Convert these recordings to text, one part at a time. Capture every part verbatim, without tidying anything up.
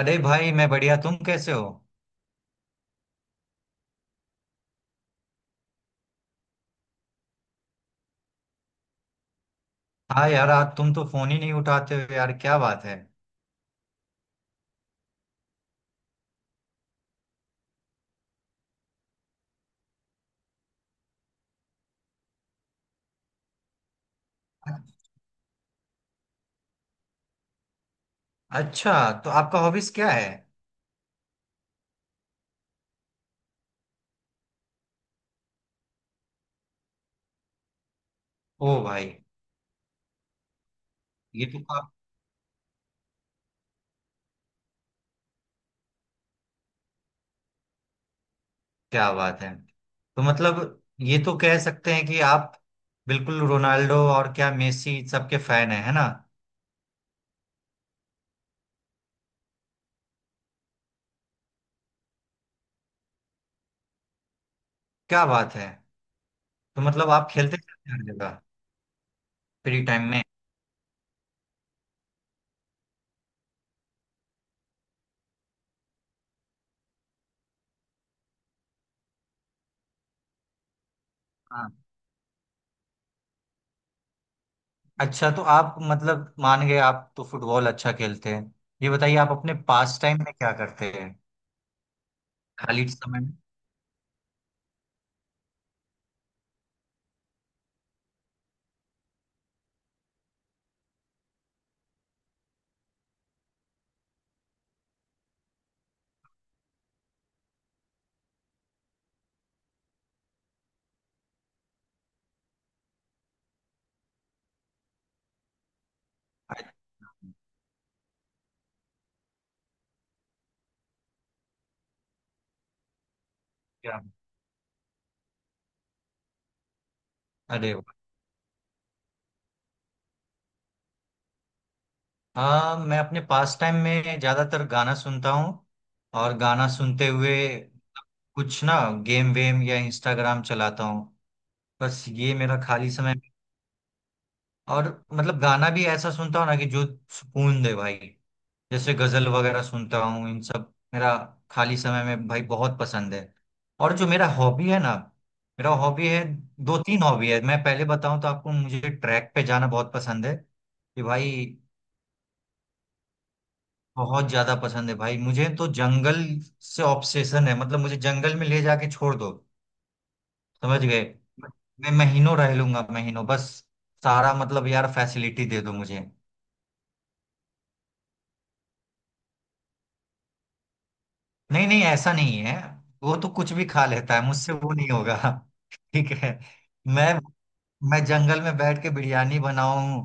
अरे भाई, मैं बढ़िया। तुम कैसे हो? हाँ यार, आज तुम तो फोन ही नहीं उठाते हो यार, क्या बात है? अच्छा, तो आपका हॉबीज क्या है? ओ भाई। ये तो आप। क्या बात है। तो मतलब। ये तो कह सकते हैं कि आप। बिल्कुल रोनाल्डो, और क्या मेसी सबके फैन हैं, है ना? क्या बात है। तो मतलब, आप खेलते रहते हैं हर जगह। फ्री टाइम में। हाँ। अच्छा, तो आप मतलब मान गए, आप तो फुटबॉल अच्छा खेलते हैं। ये बताइए, आप अपने पास टाइम में क्या करते हैं? खाली समय में। अच्छा। क्या। अरे वाह! हाँ, मैं अपने पास टाइम में ज्यादातर गाना सुनता हूँ। और गाना सुनते हुए कुछ ना, गेम वेम या इंस्टाग्राम चलाता हूँ। बस ये मेरा खाली समय। और मतलब, गाना भी ऐसा सुनता हूँ ना कि जो सुकून दे भाई। जैसे गजल वगैरह सुनता हूँ, इन सब मेरा खाली समय में भाई बहुत पसंद है। और जो मेरा हॉबी है ना, मेरा हॉबी है, दो तीन हॉबी है। मैं पहले बताऊं तो आपको, मुझे ट्रैक पे जाना बहुत पसंद है कि भाई, बहुत ज्यादा पसंद है भाई। मुझे तो जंगल से ऑब्सेशन है, मतलब मुझे जंगल में ले जाके छोड़ दो। समझ गए। मैं महीनों रह लूंगा, महीनों, बस। सारा मतलब यार, फैसिलिटी दे दो मुझे। नहीं, नहीं, ऐसा नहीं है। वो तो कुछ भी खा लेता है, मुझसे वो नहीं होगा। ठीक है। मैं मैं जंगल में बैठ के बिरयानी बनाऊं,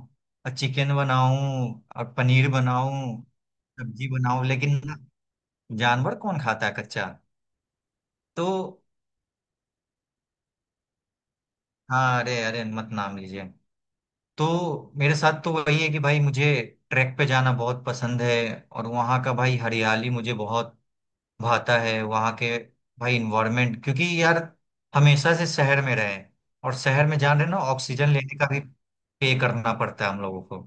और चिकन बनाऊं और पनीर बनाऊं, सब्जी बनाऊं, लेकिन जानवर कौन खाता है कच्चा? तो, हाँ, अरे अरे, मत नाम लीजिए। तो मेरे साथ तो वही है कि भाई, मुझे ट्रैक पे जाना बहुत पसंद है। और वहाँ का भाई हरियाली मुझे बहुत भाता है, वहाँ के भाई इन्वायरमेंट, क्योंकि यार, हमेशा से शहर में रहे हैं, और शहर में जान रहे हैं ना, ऑक्सीजन लेने का भी पे करना पड़ता है हम लोगों को।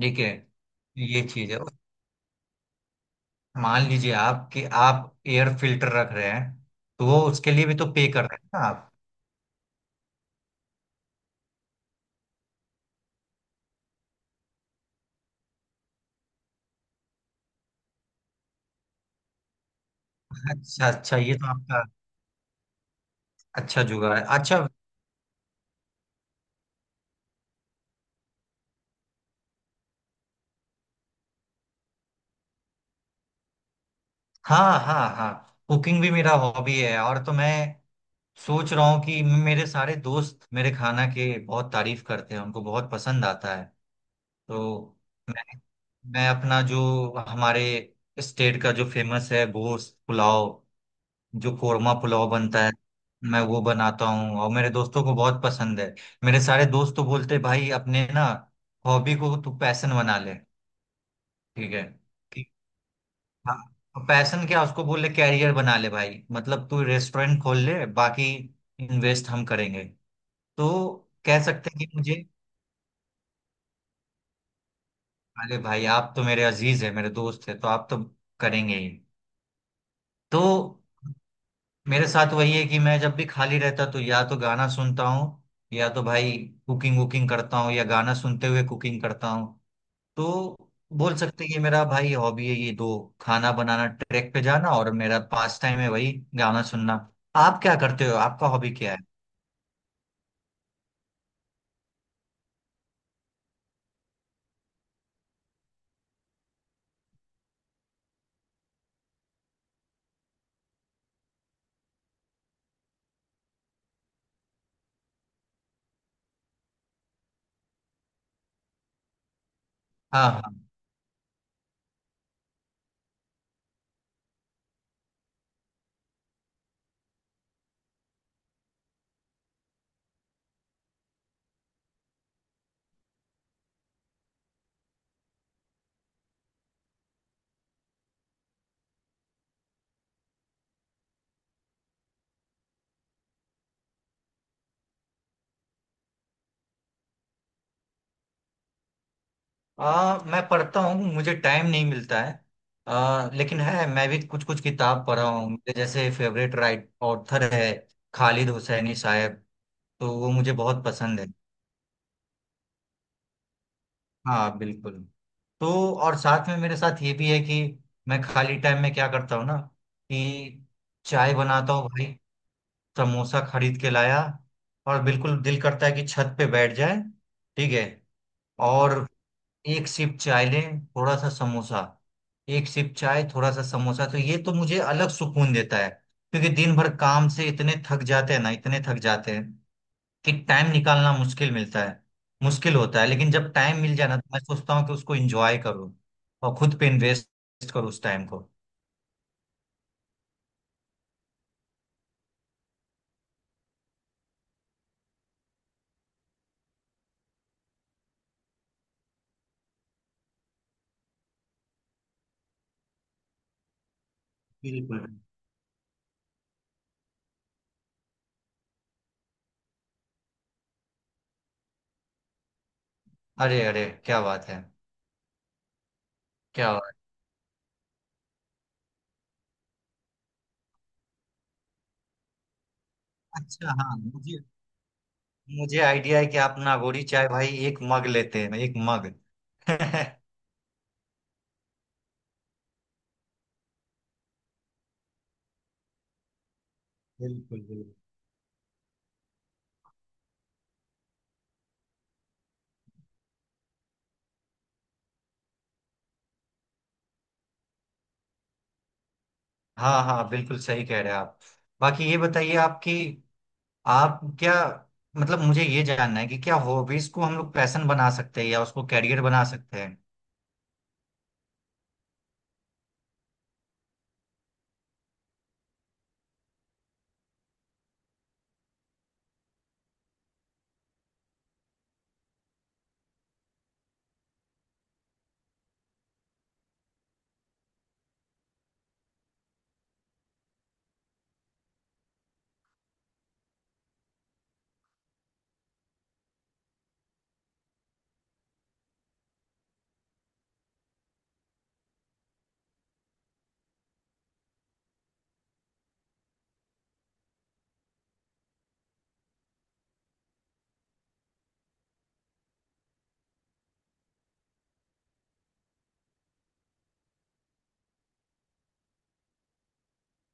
ठीक है। ये चीज है, मान लीजिए आप कि आप एयर फिल्टर रख रहे हैं, तो वो उसके लिए भी तो पे कर रहे हैं ना आप। अच्छा, अच्छा, ये तो आपका अच्छा जुगाड़ है, अच्छा। हाँ, हाँ, हाँ। कुकिंग भी मेरा हॉबी है, और तो मैं सोच रहा हूँ कि मेरे सारे दोस्त मेरे खाना के बहुत तारीफ करते हैं, उनको बहुत पसंद आता है। तो मैं अपना जो, हमारे स्टेट का जो फेमस है, गोश्त पुलाव, जो कोरमा पुलाव बनता है, मैं वो बनाता हूँ, और मेरे दोस्तों को बहुत पसंद है। मेरे सारे दोस्त तो बोलते हैं, भाई अपने ना हॉबी को तू पैशन बना ले। ठीक है। हाँ, पैशन क्या उसको बोल ले, कैरियर बना ले भाई, मतलब तू रेस्टोरेंट खोल ले, बाकी इन्वेस्ट हम करेंगे। तो कह सकते हैं कि मुझे, अरे भाई, आप तो मेरे अजीज है, मेरे दोस्त है, तो आप तो करेंगे ही। तो मेरे साथ वही है कि मैं जब भी खाली रहता, तो या तो गाना सुनता हूँ, या तो भाई कुकिंग वुकिंग करता हूँ, या गाना सुनते हुए कुकिंग करता हूँ। तो बोल सकते हैं कि मेरा भाई हॉबी है ये दो, खाना बनाना, ट्रैक पे जाना, और मेरा पास टाइम है वही, गाना सुनना। आप क्या करते हो, आपका हॉबी क्या है? हाँ, हाँ, आ, मैं पढ़ता हूँ, मुझे टाइम नहीं मिलता है। आ, लेकिन है, मैं भी कुछ कुछ किताब पढ़ा हूँ। मेरे जैसे फेवरेट राइट ऑथर है खालिद हुसैनी साहब, तो वो मुझे बहुत पसंद है। हाँ, बिल्कुल। तो और साथ में मेरे साथ ये भी है कि मैं खाली टाइम में क्या करता हूँ ना, कि चाय बनाता हूँ भाई, समोसा खरीद के लाया, और बिल्कुल दिल करता है कि छत पे बैठ जाए। ठीक है। और एक सिप चाय लें, थोड़ा सा समोसा, एक सिप चाय, थोड़ा सा समोसा, तो ये तो मुझे अलग सुकून देता है। क्योंकि दिन भर काम से इतने थक जाते हैं ना, इतने थक जाते हैं कि टाइम निकालना मुश्किल मिलता है, मुश्किल होता है। लेकिन जब टाइम मिल जाए ना, तो मैं सोचता हूँ कि उसको एंजॉय करूँ, और खुद पे इन्वेस्ट करूँ उस टाइम को। बिल्कुल। अरे, अरे, क्या बात है, क्या बात है। अच्छा, हाँ, मुझे मुझे आइडिया है कि आप नागोरी चाय भाई एक मग लेते हैं, एक मग। बिल्कुल, बिल्कुल। हाँ, हाँ, बिल्कुल सही कह रहे हैं आप। बाकी ये बताइए आपकी, आप क्या, मतलब, मुझे ये जानना है कि क्या हॉबीज को हम लोग पैशन बना सकते हैं, या उसको कैरियर बना सकते हैं?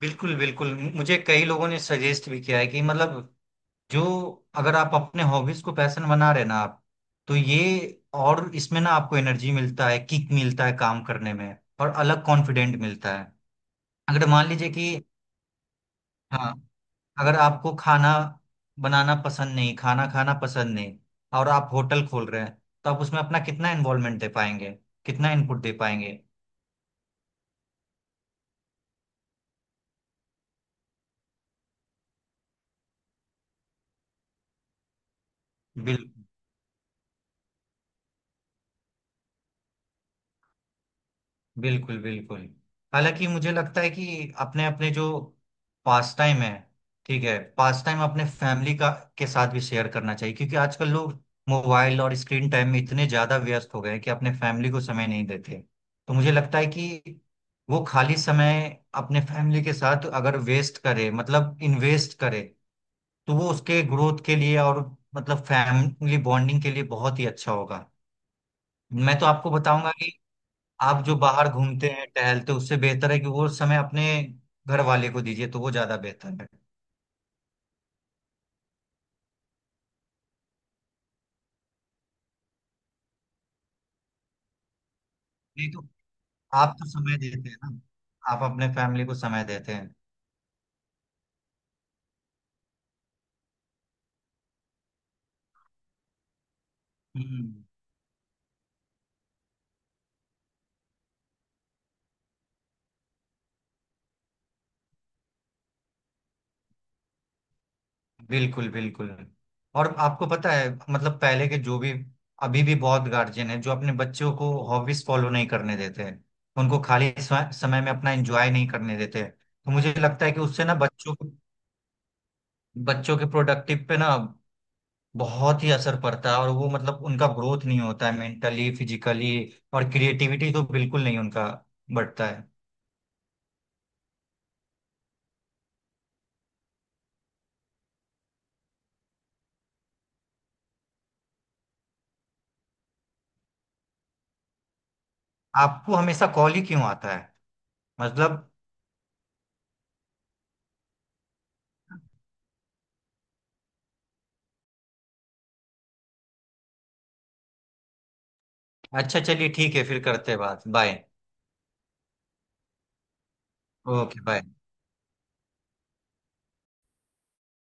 बिल्कुल, बिल्कुल, मुझे कई लोगों ने सजेस्ट भी किया है कि मतलब, जो, अगर आप अपने हॉबीज को पैशन बना रहे ना आप, तो ये, और इसमें ना आपको एनर्जी मिलता है, किक मिलता है काम करने में, और अलग कॉन्फिडेंट मिलता है। अगर मान लीजिए कि, हाँ, अगर आपको खाना बनाना पसंद नहीं, खाना खाना पसंद नहीं, और आप होटल खोल रहे हैं, तो आप उसमें अपना कितना इन्वॉल्वमेंट दे पाएंगे, कितना इनपुट दे पाएंगे? बिल बिल्कुल, बिल्कुल। हालांकि मुझे लगता है कि अपने अपने जो पास टाइम है, ठीक है, पास टाइम अपने फैमिली का, के साथ भी शेयर करना चाहिए, क्योंकि आजकल लोग मोबाइल और स्क्रीन टाइम में इतने ज्यादा व्यस्त हो गए हैं कि अपने फैमिली को समय नहीं देते। तो मुझे लगता है कि वो खाली समय अपने फैमिली के साथ अगर वेस्ट करे, मतलब इन्वेस्ट करे, तो वो उसके ग्रोथ के लिए, और मतलब फैमिली बॉन्डिंग के लिए बहुत ही अच्छा होगा। मैं तो आपको बताऊंगा, आप जो बाहर घूमते हैं टहलते हैं, उससे बेहतर है कि वो समय अपने घर वाले को दीजिए, तो वो ज्यादा बेहतर है। नहीं तो, आप तो समय देते हैं ना? आप अपने फैमिली को समय देते हैं। हम्म। बिल्कुल, बिल्कुल। और आपको पता है, मतलब पहले के जो भी, अभी भी बहुत गार्जियन है जो अपने बच्चों को हॉबीज फॉलो नहीं करने देते हैं, उनको खाली स्व- समय में अपना एंजॉय नहीं करने देते हैं। तो मुझे लगता है कि उससे ना बच्चों को, बच्चों के प्रोडक्टिव पे ना बहुत ही असर पड़ता है, और वो मतलब उनका ग्रोथ नहीं होता है मेंटली, फिजिकली, और क्रिएटिविटी तो बिल्कुल नहीं उनका बढ़ता है। आपको हमेशा कॉल ही क्यों आता है? मतलब, अच्छा, चलिए ठीक है, फिर करते हैं बात। बाय। Okay, bye.